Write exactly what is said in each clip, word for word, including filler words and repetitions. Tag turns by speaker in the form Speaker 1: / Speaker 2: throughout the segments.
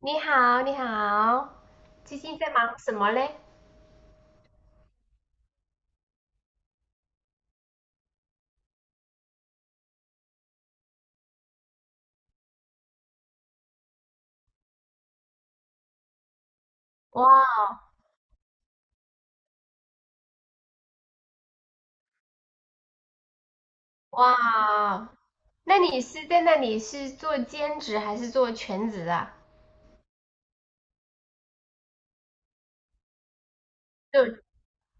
Speaker 1: 你好，你好，最近在忙什么嘞？哇哦，哇，那你是在那里是做兼职还是做全职啊？做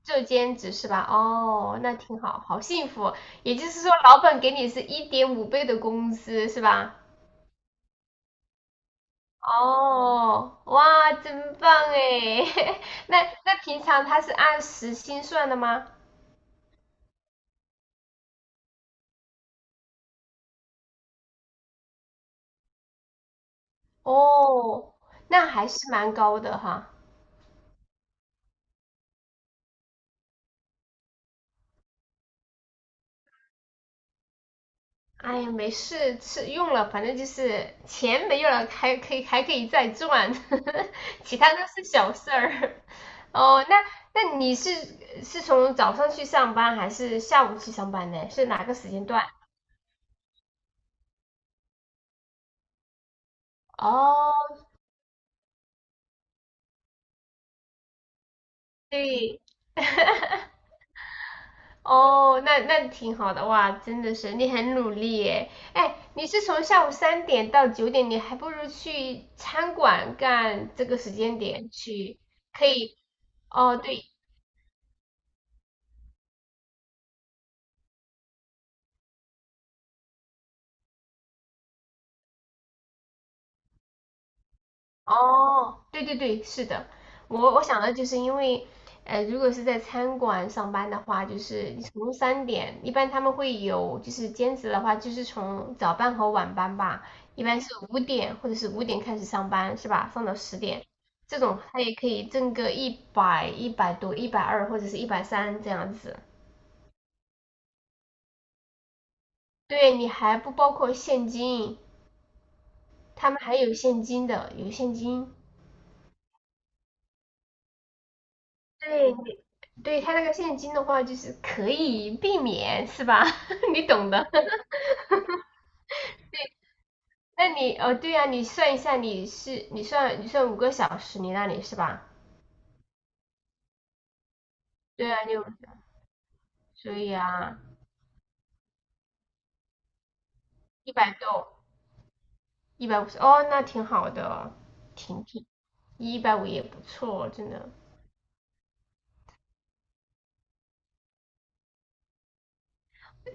Speaker 1: 做兼职是吧？哦，那挺好，好幸福。也就是说，老板给你是一点五倍的工资是吧？哦，哇，真棒哎！那那平常他是按时薪算的吗？哦，那还是蛮高的哈。哎呀，没事，吃用了，反正就是钱没有了，还可以还可以再赚。其他都是小事儿。哦，那那你是是从早上去上班还是下午去上班呢？是哪个时间段？哦，对。哦，那那挺好的哇，真的是你很努力耶。哎，你是从下午三点到九点，你还不如去餐馆干这个时间点去，可以。哦，对。哦，对对对，是的。我我想的就是因为，呃，如果是在餐馆上班的话，就是你从三点，一般他们会有就是兼职的话，就是从早班和晚班吧，一般是五点或者是五点开始上班是吧？上到十点，这种他也可以挣个一百、一百多、一百二或者是一百三这样子。对，你还不包括现金，他们还有现金的，有现金。对，对他那个现金的话，就是可以避免，是吧？你懂的。那你哦，对呀，你算一下，你是你算你算五个小时，你那里是吧？对啊，六个小时，所以啊，一百多，一百五十，哦，那挺好的，挺挺，一百五也不错，真的。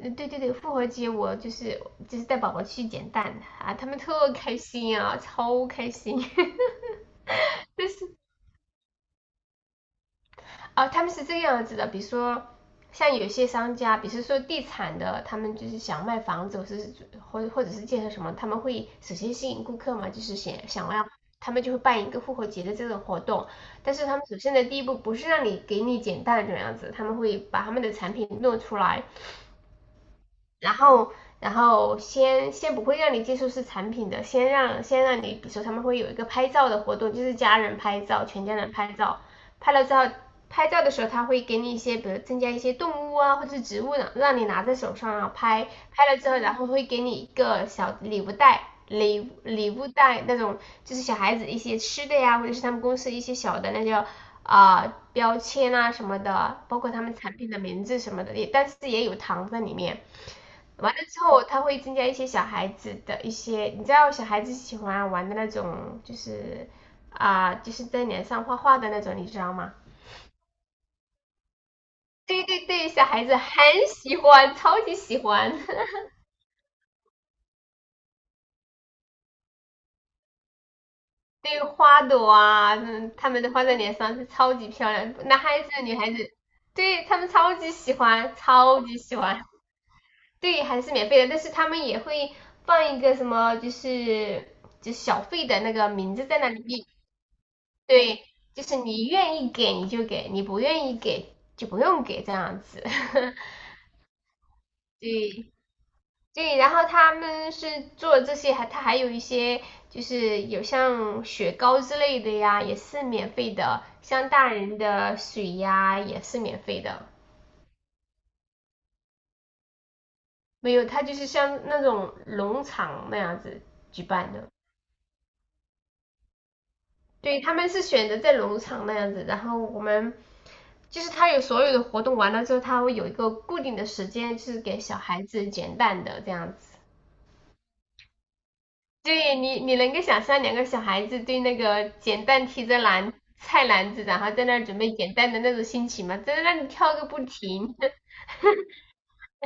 Speaker 1: 嗯，对对对，复活节我就是就是带宝宝去捡蛋啊，他们特开心啊，超开心。啊，呃他们是这个样子的，比如说像有些商家，比如说地产的，他们就是想卖房子，或是或或者是建设什么，他们会首先吸引顾客嘛，就是想想要他们就会办一个复活节的这种活动，但是他们首先的第一步不是让你给你减单的这样子，他们会把他们的产品弄出来，然后然后先先不会让你接触是产品的，先让先让你，比如说他们会有一个拍照的活动，就是家人拍照，全家人拍照，拍了之后。拍照的时候，他会给你一些，比如增加一些动物啊，或者是植物呢，让你拿在手上啊拍。拍了之后，然后会给你一个小礼物袋，礼礼物袋那种，就是小孩子一些吃的呀，或者是他们公司一些小的那叫啊、呃标签啊什么的，包括他们产品的名字什么的，也但是也有糖在里面。完了之后，他会增加一些小孩子的一些，你知道小孩子喜欢玩的那种，就是啊、呃就是在脸上画画的那种，你知道吗？对对对，小孩子很喜欢，超级喜欢。对花朵啊，嗯，他们的画在脸上是超级漂亮，男孩子、女孩子，对他们超级喜欢，超级喜欢。对，还是免费的，但是他们也会放一个什么，就是就是小费的那个名字在那里面。对，就是你愿意给你就给，你不愿意给就不用给这样子。对对，然后他们是做这些，还他还有一些就是有像雪糕之类的呀，也是免费的，像大人的水呀也是免费的。没有，他就是像那种农场那样子举办的。对，他们是选择在农场那样子，然后我们就是他有所有的活动完了之后，他会有一个固定的时间，就是给小孩子捡蛋的这样子。对你，你能够想象两个小孩子对那个捡蛋提着篮菜篮子，然后在那儿准备捡蛋的那种心情吗？在那里跳个不停。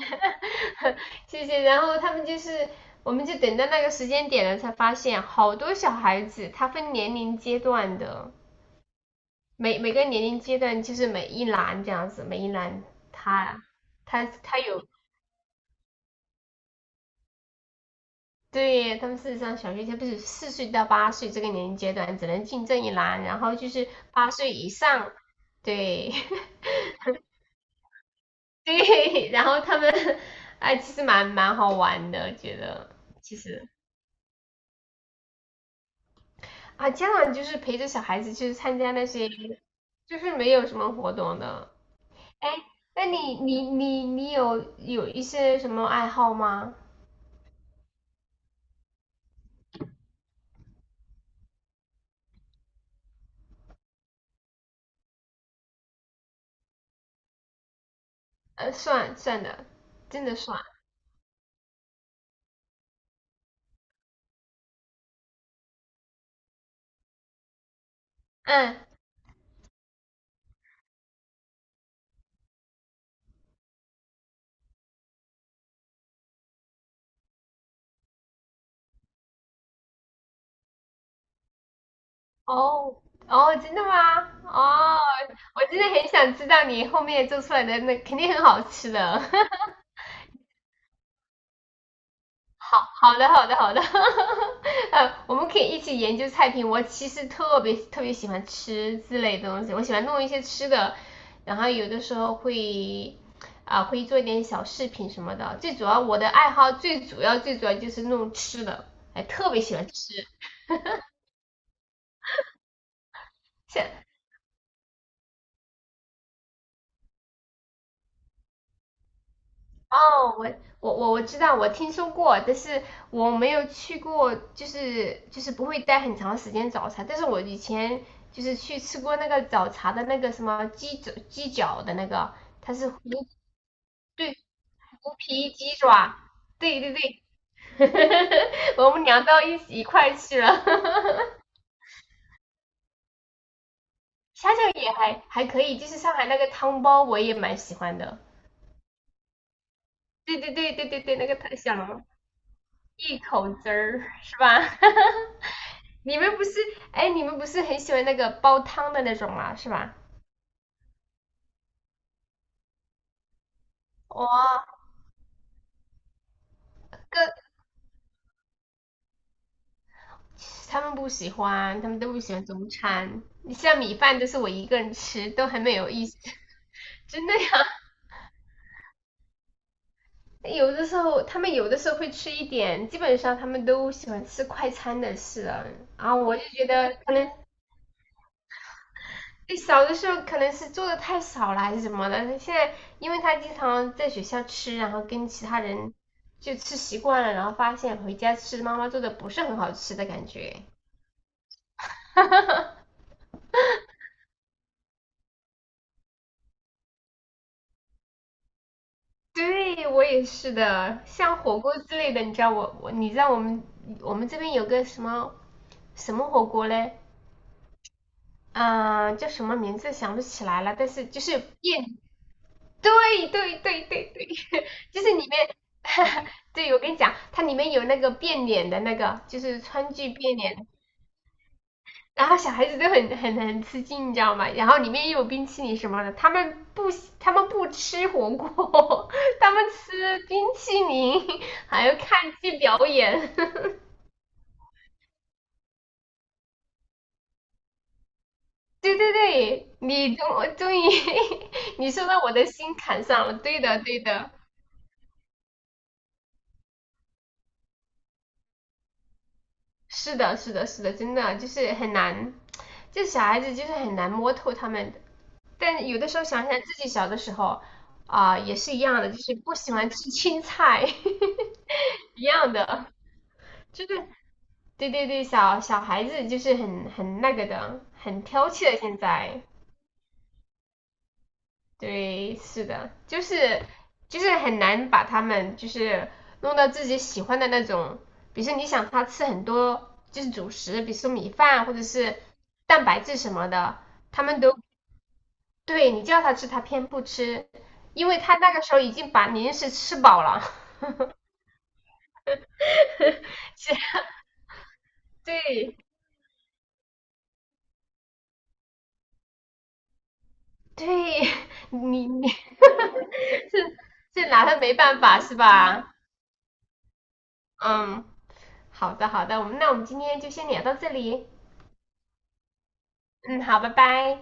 Speaker 1: 谢谢。然后他们就是，我们就等到那个时间点了，才发现好多小孩子，他分年龄阶段的，每每个年龄阶段就是每一栏这样子，每一栏他他他有对他们事实上小学生不是四岁到八岁这个年龄阶段只能进这一栏，然后就是八岁以上，对。 对，然后他们哎其实蛮蛮好玩的，觉得其实啊家长就是陪着小孩子去参加那些就是没有什么活动的。哎，那你你你你有有一些什么爱好吗？呃，算算的，真的算，嗯。哦，哦，真的吗？哦，我真的很想知道你后面做出来的那肯定很好吃的。好好的，好的好的。呃，我们可以一起研究菜品。我其实特别特别喜欢吃之类的东西，我喜欢弄一些吃的，然后有的时候会啊、会做一点小饰品什么的。最主要我的爱好最主要最主要就是弄吃的，哎，特别喜欢吃。哦，我我我我知道，我听说过，但是我没有去过，就是就是不会待很长时间早茶。但是我以前就是去吃过那个早茶的那个什么鸡脚鸡脚的那个，它是胡对，胡皮鸡爪，对对对。我们聊到一一块去了。虾饺也还还可以，就是上海那个汤包我也蛮喜欢的。对对对对对对，那个太香了，一口汁儿是吧？你们不是，哎，你们不是很喜欢那个煲汤的那种吗？是吧？哇，哥，他们不喜欢，他们都不喜欢中餐。你像米饭都是我一个人吃，都很没有意思。真的呀，有的时候他们有的时候会吃一点，基本上他们都喜欢吃快餐的事啊。然我就觉得可能对，小的时候可能是做的太少了还是什么的，现在因为他经常在学校吃，然后跟其他人就吃习惯了，然后发现回家吃妈妈做的不是很好吃的感觉。对，我也是的，像火锅之类的，你知道我我你知道我们我们这边有个什么什么火锅嘞？嗯，叫什么名字想不起来了，但是就是燕，对对对对对。就是里面。对，我跟你讲，它里面有那个变脸的那个，就是川剧变脸，然后小孩子都很很很吃惊，你知道吗？然后里面又有冰淇淋什么的，他们不喜他们不吃火锅，他们吃冰淇淋，还要看剧表演。对对对，你终终于。 你说到我的心坎上了，对的对的。是的，是的，是的，真的就是很难，就小孩子就是很难摸透他们的。但有的时候想想自己小的时候，啊、也是一样的，就是不喜欢吃青菜。一样的，就是对对对，小小孩子就是很很那个的，很挑剔的。现在对，是的，就是就是很难把他们就是弄到自己喜欢的那种，比如说你想他吃很多就是主食，比如说米饭或者是蛋白质什么的，他们都对你叫他吃，他偏不吃，因为他那个时候已经把零食吃饱了。对对。你你 是是拿他没办法是吧？嗯，好的好的，我们那我们今天就先聊到这里。嗯，好，拜拜。